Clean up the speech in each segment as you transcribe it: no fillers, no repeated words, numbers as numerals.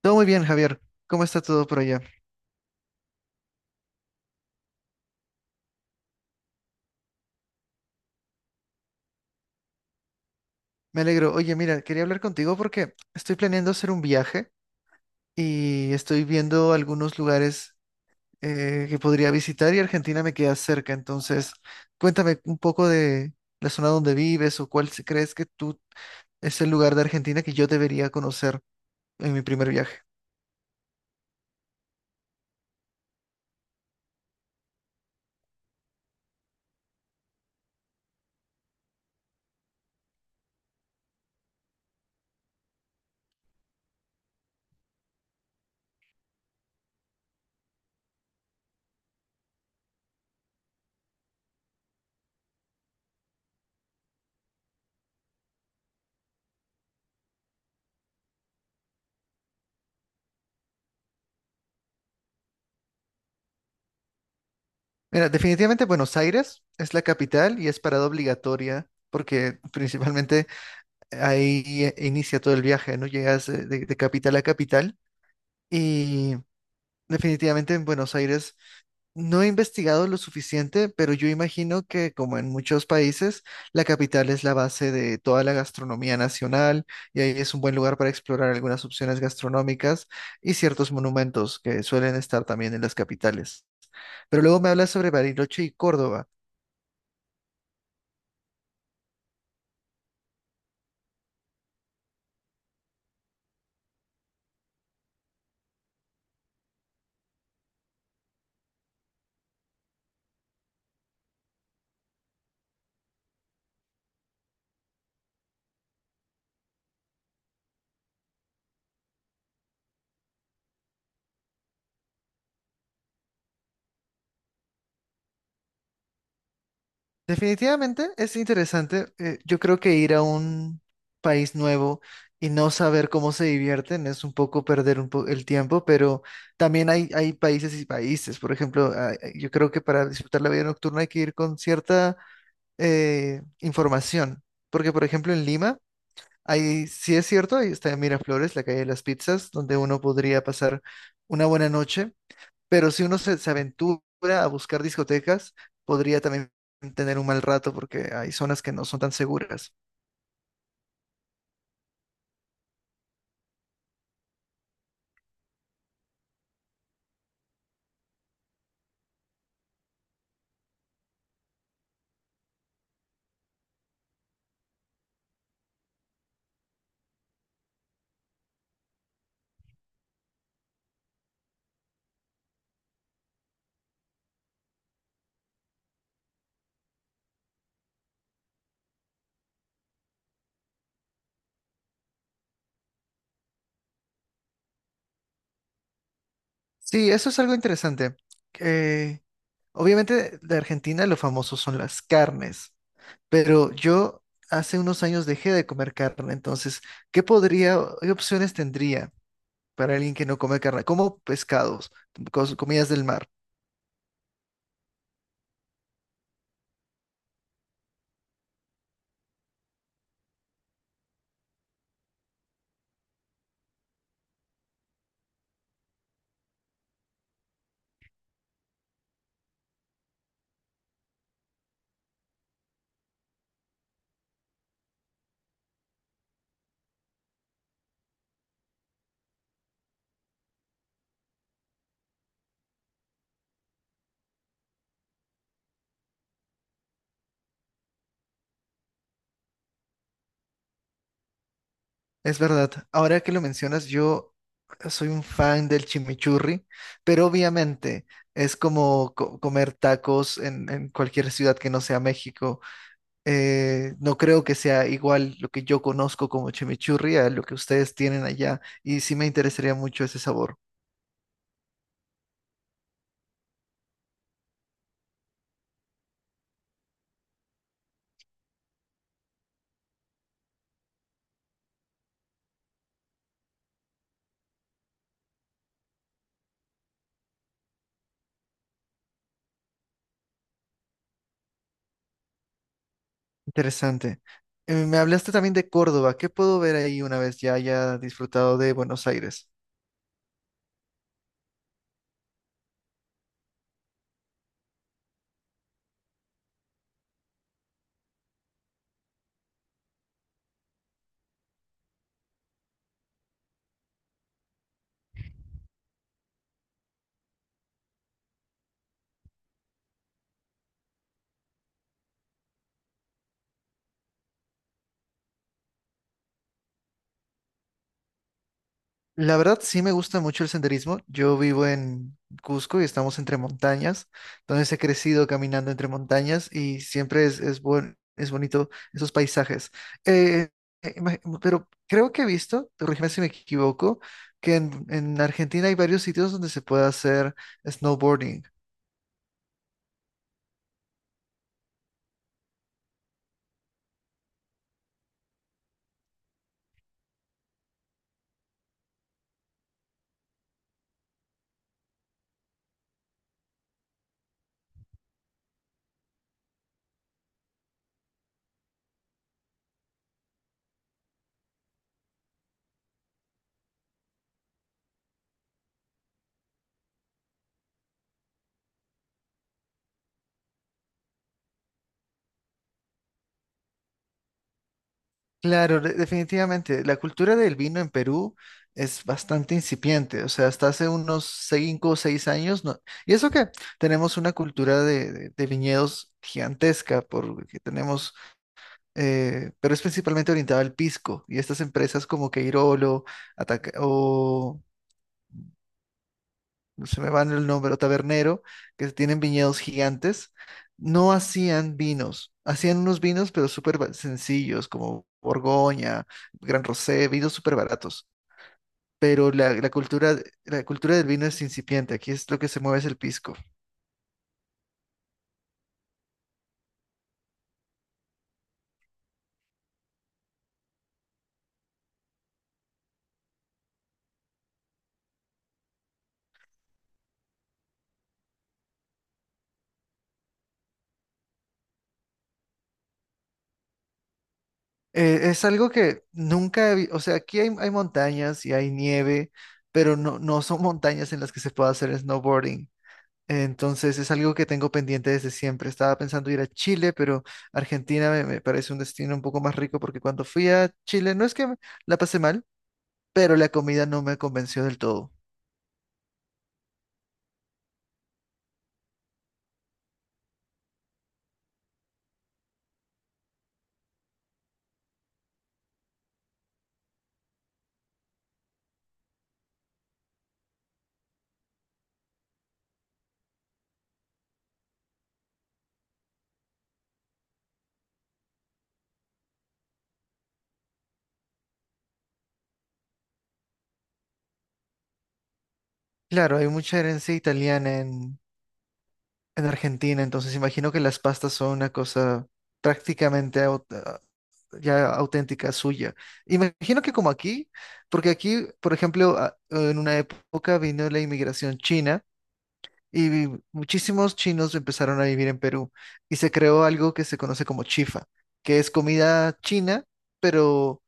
Todo muy bien, Javier. ¿Cómo está todo por allá? Me alegro. Oye, mira, quería hablar contigo porque estoy planeando hacer un viaje y estoy viendo algunos lugares que podría visitar, y Argentina me queda cerca. Entonces, cuéntame un poco de la zona donde vives o cuál crees que tú es el lugar de Argentina que yo debería conocer en mi primer viaje. Mira, definitivamente Buenos Aires es la capital y es parada obligatoria porque principalmente ahí inicia todo el viaje, ¿no? Llegas de capital a capital. Y definitivamente en Buenos Aires no he investigado lo suficiente, pero yo imagino que como en muchos países, la capital es la base de toda la gastronomía nacional y ahí es un buen lugar para explorar algunas opciones gastronómicas y ciertos monumentos que suelen estar también en las capitales. Pero luego me hablas sobre Bariloche y Córdoba. Definitivamente es interesante. Yo creo que ir a un país nuevo y no saber cómo se divierten es un poco perder el tiempo, pero también hay países y países. Por ejemplo, ah, yo creo que para disfrutar la vida nocturna hay que ir con cierta información, porque por ejemplo en Lima, ahí sí es cierto, ahí está Miraflores, la calle de las pizzas, donde uno podría pasar una buena noche, pero si uno se aventura a buscar discotecas, podría también tener un mal rato porque hay zonas que no son tan seguras. Sí, eso es algo interesante. Eh, obviamente de Argentina lo famoso son las carnes, pero yo hace unos años dejé de comer carne, entonces, ¿qué podría, qué opciones tendría para alguien que no come carne? Como pescados, comidas del mar. Es verdad. Ahora que lo mencionas, yo soy un fan del chimichurri, pero obviamente es como comer tacos en cualquier ciudad que no sea México. No creo que sea igual lo que yo conozco como chimichurri a lo que ustedes tienen allá, y sí me interesaría mucho ese sabor. Interesante. Me hablaste también de Córdoba. ¿Qué puedo ver ahí una vez ya haya disfrutado de Buenos Aires? La verdad sí me gusta mucho el senderismo. Yo vivo en Cusco y estamos entre montañas. Entonces he crecido caminando entre montañas y siempre es bonito esos paisajes. Eh, pero creo que he visto, corrígeme si me equivoco, que en Argentina hay varios sitios donde se puede hacer snowboarding. Claro, definitivamente. La cultura del vino en Perú es bastante incipiente. O sea, hasta hace unos cinco o seis años, no. Y eso que tenemos una cultura de viñedos gigantesca, porque tenemos, pero es principalmente orientada al pisco. Y estas empresas como Queirolo, Ataca, se me van el nombre, tabernero, que tienen viñedos gigantes, no hacían vinos. Hacían unos vinos, pero sencillos, como Borgoña, Gran Rosé, vinos súper baratos. Pero la cultura del vino es incipiente. Aquí es lo que se mueve es el pisco. Es algo que nunca o sea, aquí hay montañas y hay nieve, pero no son montañas en las que se pueda hacer snowboarding. Entonces es algo que tengo pendiente desde siempre. Estaba pensando ir a Chile, pero Argentina me parece un destino un poco más rico porque cuando fui a Chile no es que me la pasé mal, pero la comida no me convenció del todo. Claro, hay mucha herencia italiana en Argentina, entonces imagino que las pastas son una cosa prácticamente ya auténtica suya. Imagino que como aquí, porque aquí, por ejemplo, en una época vino la inmigración china. Y muchísimos chinos empezaron a vivir en Perú y se creó algo que se conoce como chifa, que es comida china, pero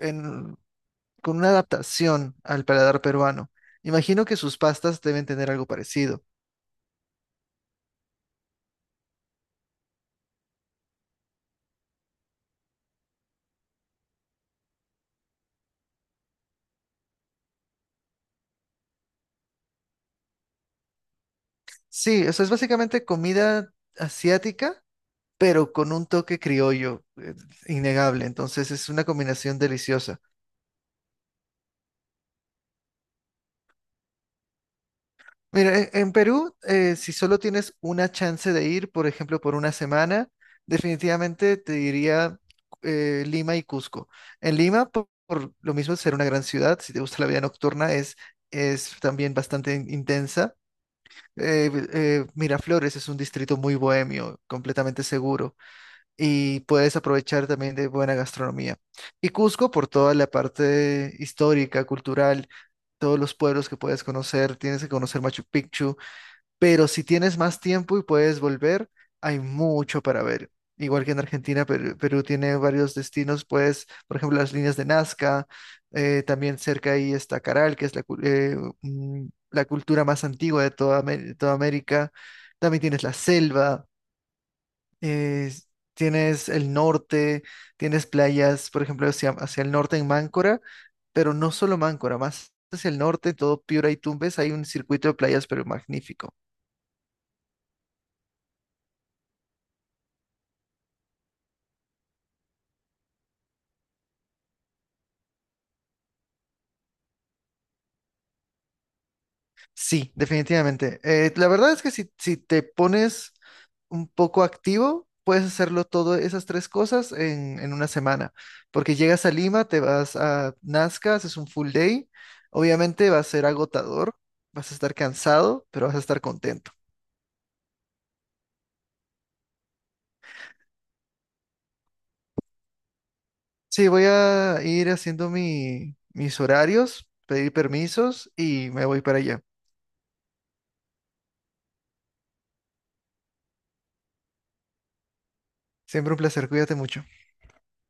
en- con una adaptación al paladar peruano. Imagino que sus pastas deben tener algo parecido. Sí, eso es básicamente comida asiática, pero con un toque criollo, innegable. Entonces es una combinación deliciosa. Mira, en Perú, si solo tienes una chance de ir, por ejemplo, por una semana, definitivamente te diría Lima y Cusco. En Lima, lo mismo, ser una gran ciudad, si te gusta la vida nocturna, es también bastante intensa. Miraflores es un distrito muy bohemio, completamente seguro, y puedes aprovechar también de buena gastronomía. Y Cusco, por toda la parte histórica, cultural, todos los pueblos que puedes conocer, tienes que conocer Machu Picchu, pero si tienes más tiempo y puedes volver, hay mucho para ver. Igual que en Argentina, Perú tiene varios destinos, pues, por ejemplo, las líneas de Nazca, también cerca ahí está Caral, que es mm, la cultura más antigua de de toda América. También tienes la selva, eh, tienes el norte, tienes playas, por ejemplo, hacia el norte en Máncora, pero no solo Máncora, más hacia el norte, todo Piura y Tumbes, hay un circuito de playas, pero magnífico. Sí, definitivamente. La verdad es que si te pones un poco activo, puedes hacerlo todo esas 3 cosas en una semana, porque llegas a Lima, te vas a Nazca, haces un full day, obviamente va a ser agotador, vas a estar cansado, pero vas a estar contento. Sí, voy a ir haciendo mis horarios, pedir permisos y me voy para allá. Siempre un placer, cuídate mucho.